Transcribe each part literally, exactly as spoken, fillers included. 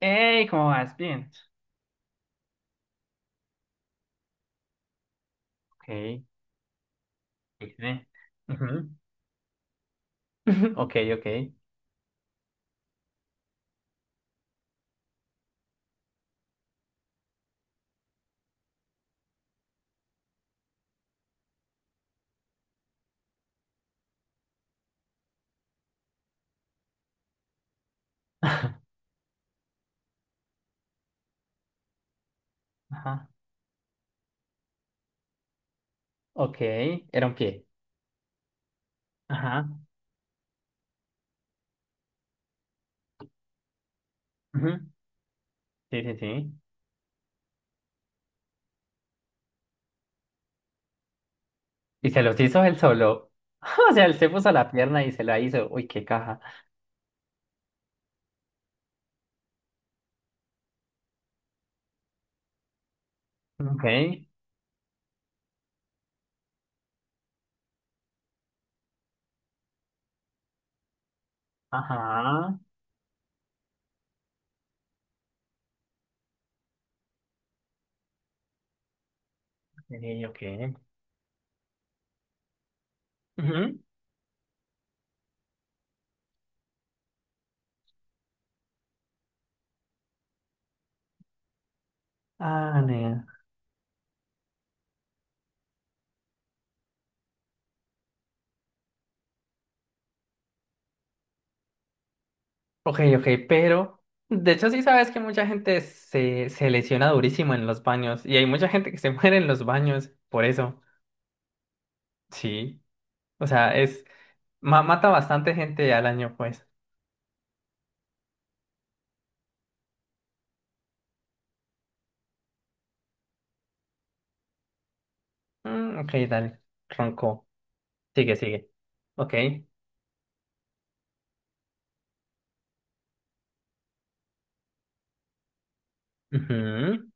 Hey, ¿cómo vas? Bien. Ok, bien. Ujú. Ok, ok. Ajá, ok, era un pie. Ajá. Ujú. Sí, sí, sí. Y se los hizo él solo. O sea, él se puso la pierna y se la hizo. Uy, qué caja. Ok, ajá. Sí, ok. Ujú. Ah, nea. Ok, ok, pero de hecho sí sabes que mucha gente se, se lesiona durísimo en los baños y hay mucha gente que se muere en los baños por eso. Sí. O sea, es Ma- mata bastante gente al año, pues. Mm, ok, dale. Ronco. Sigue, sigue. Ok. Ujú.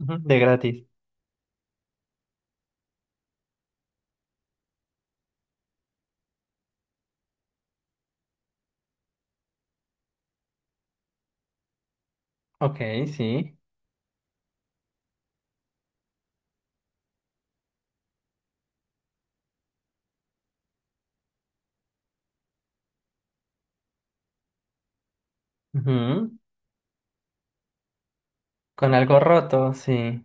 Ujú, de gratis. Ok, sí. Ujú. Con algo roto, sí.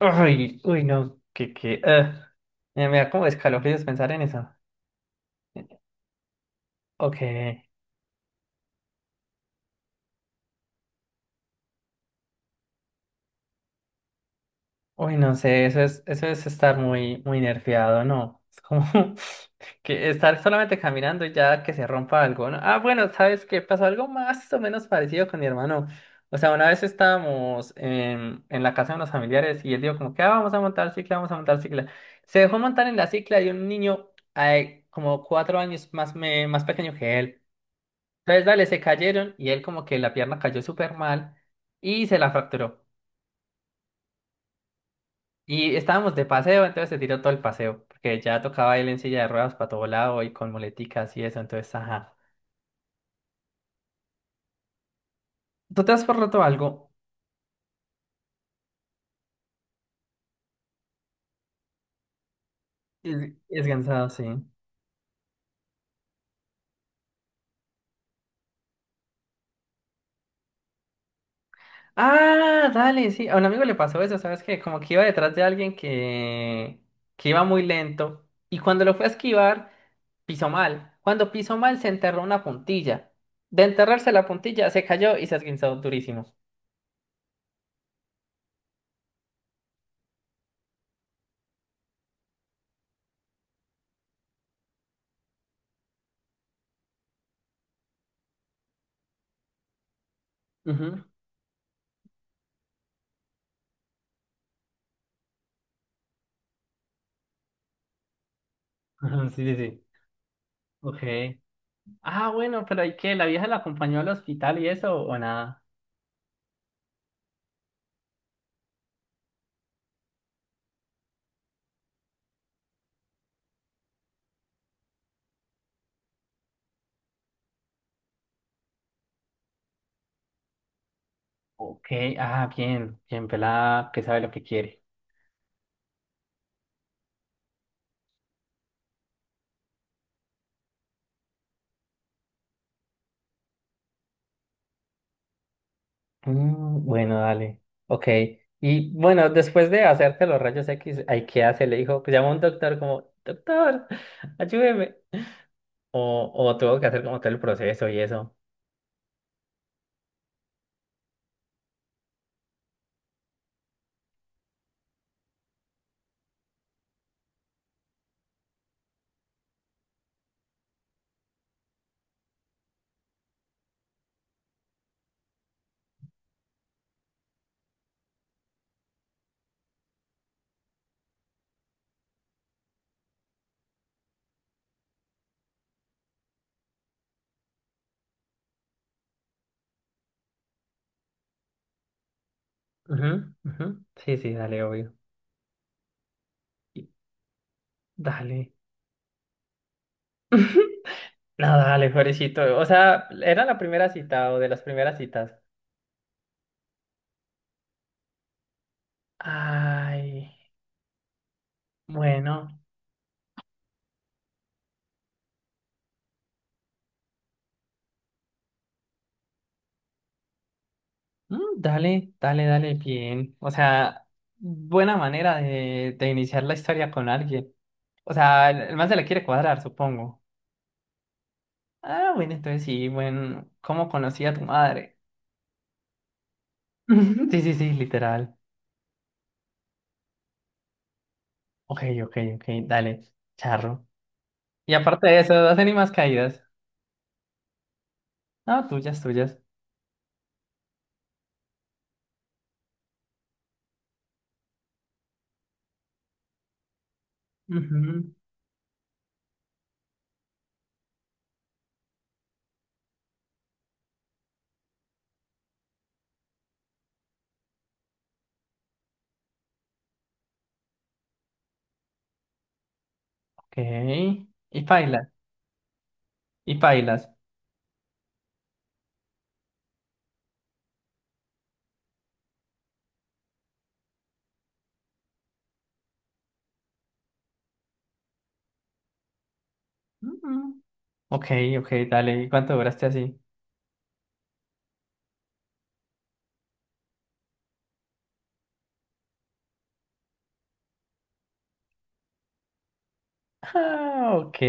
Uy, uy, no. Que, que. Eh. Me me da como escalofríos pensar en eso. Ok. Uy, no sé. Eso es, eso es estar muy, muy nerfeado, ¿no? Es como. Que estar solamente caminando y ya que se rompa algo, ¿no? Ah, bueno, ¿sabes qué? Pasó algo más o menos parecido con mi hermano. O sea, una vez estábamos en, en la casa de unos familiares y él dijo como que, ah, vamos a montar cicla, vamos a montar cicla. Se dejó montar en la cicla y un niño ay, como cuatro años más, me, más pequeño que él. Entonces, dale, se cayeron y él como que la pierna cayó súper mal y se la fracturó. Y estábamos de paseo, entonces se tiró todo el paseo, porque ya tocaba él en silla de ruedas para todo lado y con muleticas y eso, entonces, ajá. ¿Tú te has forroto algo? Es, es cansado, sí. Ah, dale, sí. A un amigo le pasó eso, ¿sabes qué? Como que iba detrás de alguien que, que iba muy lento y cuando lo fue a esquivar, pisó mal. Cuando pisó mal, se enterró una puntilla. De enterrarse la puntilla, se cayó y se esguinzó durísimo. Ujú. Ajá, sí, sí, sí. Ok. Ah, bueno, pero ¿y qué? ¿La vieja la acompañó al hospital y eso o nada? Ok, ah, bien, bien pelada, que sabe lo que quiere. Mm, bueno, dale. Ok. Y bueno, después de hacerte los rayos equis, ¿hay qué hace? Le dijo, pues llamó a un doctor como, doctor, ayúdeme. O, o tuvo que hacer como todo el proceso y eso. Ujú, ujú. Sí, sí, dale, obvio. Y- Dale. No, dale, pobrecito. O sea, ¿era la primera cita o de las primeras citas? Ay, bueno. Mm, dale, dale, dale, bien. O sea, buena manera de, de iniciar la historia con alguien. O sea, el, el man se la quiere cuadrar, supongo. Ah, bueno, entonces sí, bueno, ¿cómo conocí a tu madre? Sí, sí, sí, literal. Ok, ok, ok, dale, charro. Y aparte de eso, ¿hacen ni más caídas? No, tuyas, tuyas. Ujú, ok. Y pailas, y pailas. Ujú. Ok, ok, dale. ¿Y cuánto duraste así? Ah, ok.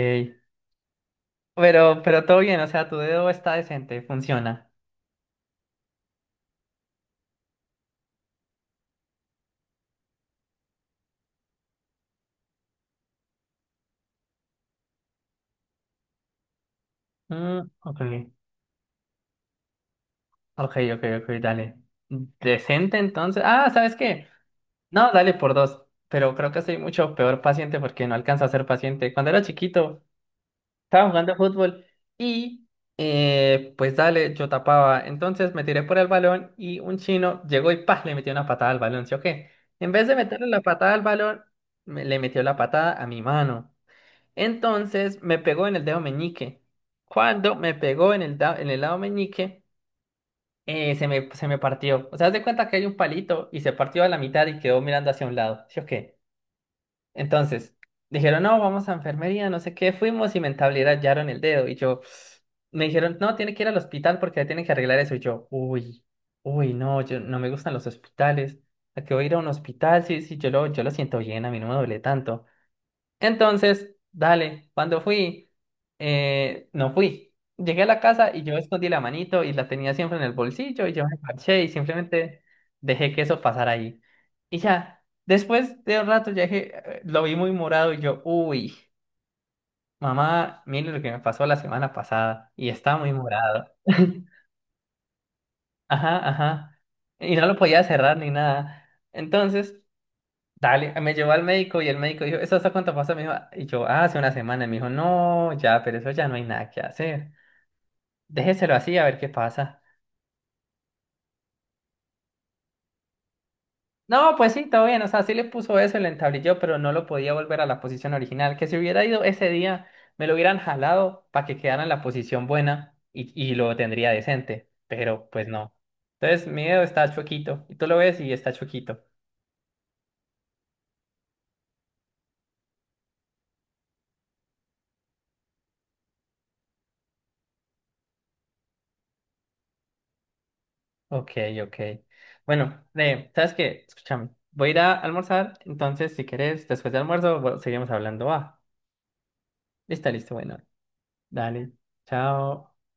Pero, pero todo bien, o sea, tu dedo está decente, funciona. Mm, ok, ok, ok, ok, dale. Decente entonces. Ah, ¿sabes qué? No, dale por dos, pero creo que soy mucho peor paciente porque no alcanzo a ser paciente. Cuando era chiquito, estaba jugando fútbol y eh, pues dale, yo tapaba. Entonces me tiré por el balón y un chino llegó y ¡pah! Le metió una patada al balón, ¿sí o qué? En vez de meterle la patada al balón, me- le metió la patada a mi mano. Entonces me pegó en el dedo meñique. Cuando me pegó en el, da- en el lado meñique, eh, se me, se me partió. O sea, haz de cuenta que hay un palito y se partió a la mitad y quedó mirando hacia un lado, ¿sí o qué? Entonces, dijeron, no, vamos a enfermería, no sé qué, fuimos y me entablillaron el dedo. Y yo, me dijeron, no, tiene que ir al hospital porque ahí tienen que arreglar eso. Y yo, uy, uy, no, yo no me gustan los hospitales. ¿A qué voy a ir a un hospital? Sí, sí, yo lo, yo lo siento bien, a mí no me duele tanto. Entonces, dale, cuando fui, eh, no fui. Llegué a la casa y yo escondí la manito y la tenía siempre en el bolsillo y yo me parché y simplemente dejé que eso pasara ahí. Y ya, después de un rato ya dije, eh, lo vi muy morado y yo, uy, mamá, mire lo que me pasó la semana pasada y está muy morado. Ajá, ajá. Y no lo podía cerrar ni nada. Entonces... Dale, me llevó al médico y el médico dijo, ¿eso hasta cuánto pasó? Me dijo, y yo, "Ah, hace una semana". Y me dijo, no, ya, pero eso ya no hay nada que hacer. Déjeselo así a ver qué pasa. No, pues sí, todo bien. O sea, sí le puso eso, le entablilló, pero no lo podía volver a la posición original. Que si hubiera ido ese día, me lo hubieran jalado para que quedara en la posición buena y, y lo tendría decente. Pero pues no. Entonces, mi dedo está chuequito. Y tú lo ves y está chuequito. Ok, ok. Bueno, eh, ¿sabes qué? Escúchame, voy a ir a almorzar, entonces si querés, después de almuerzo, bueno, seguimos hablando. Ah, está listo, bueno, dale, chao.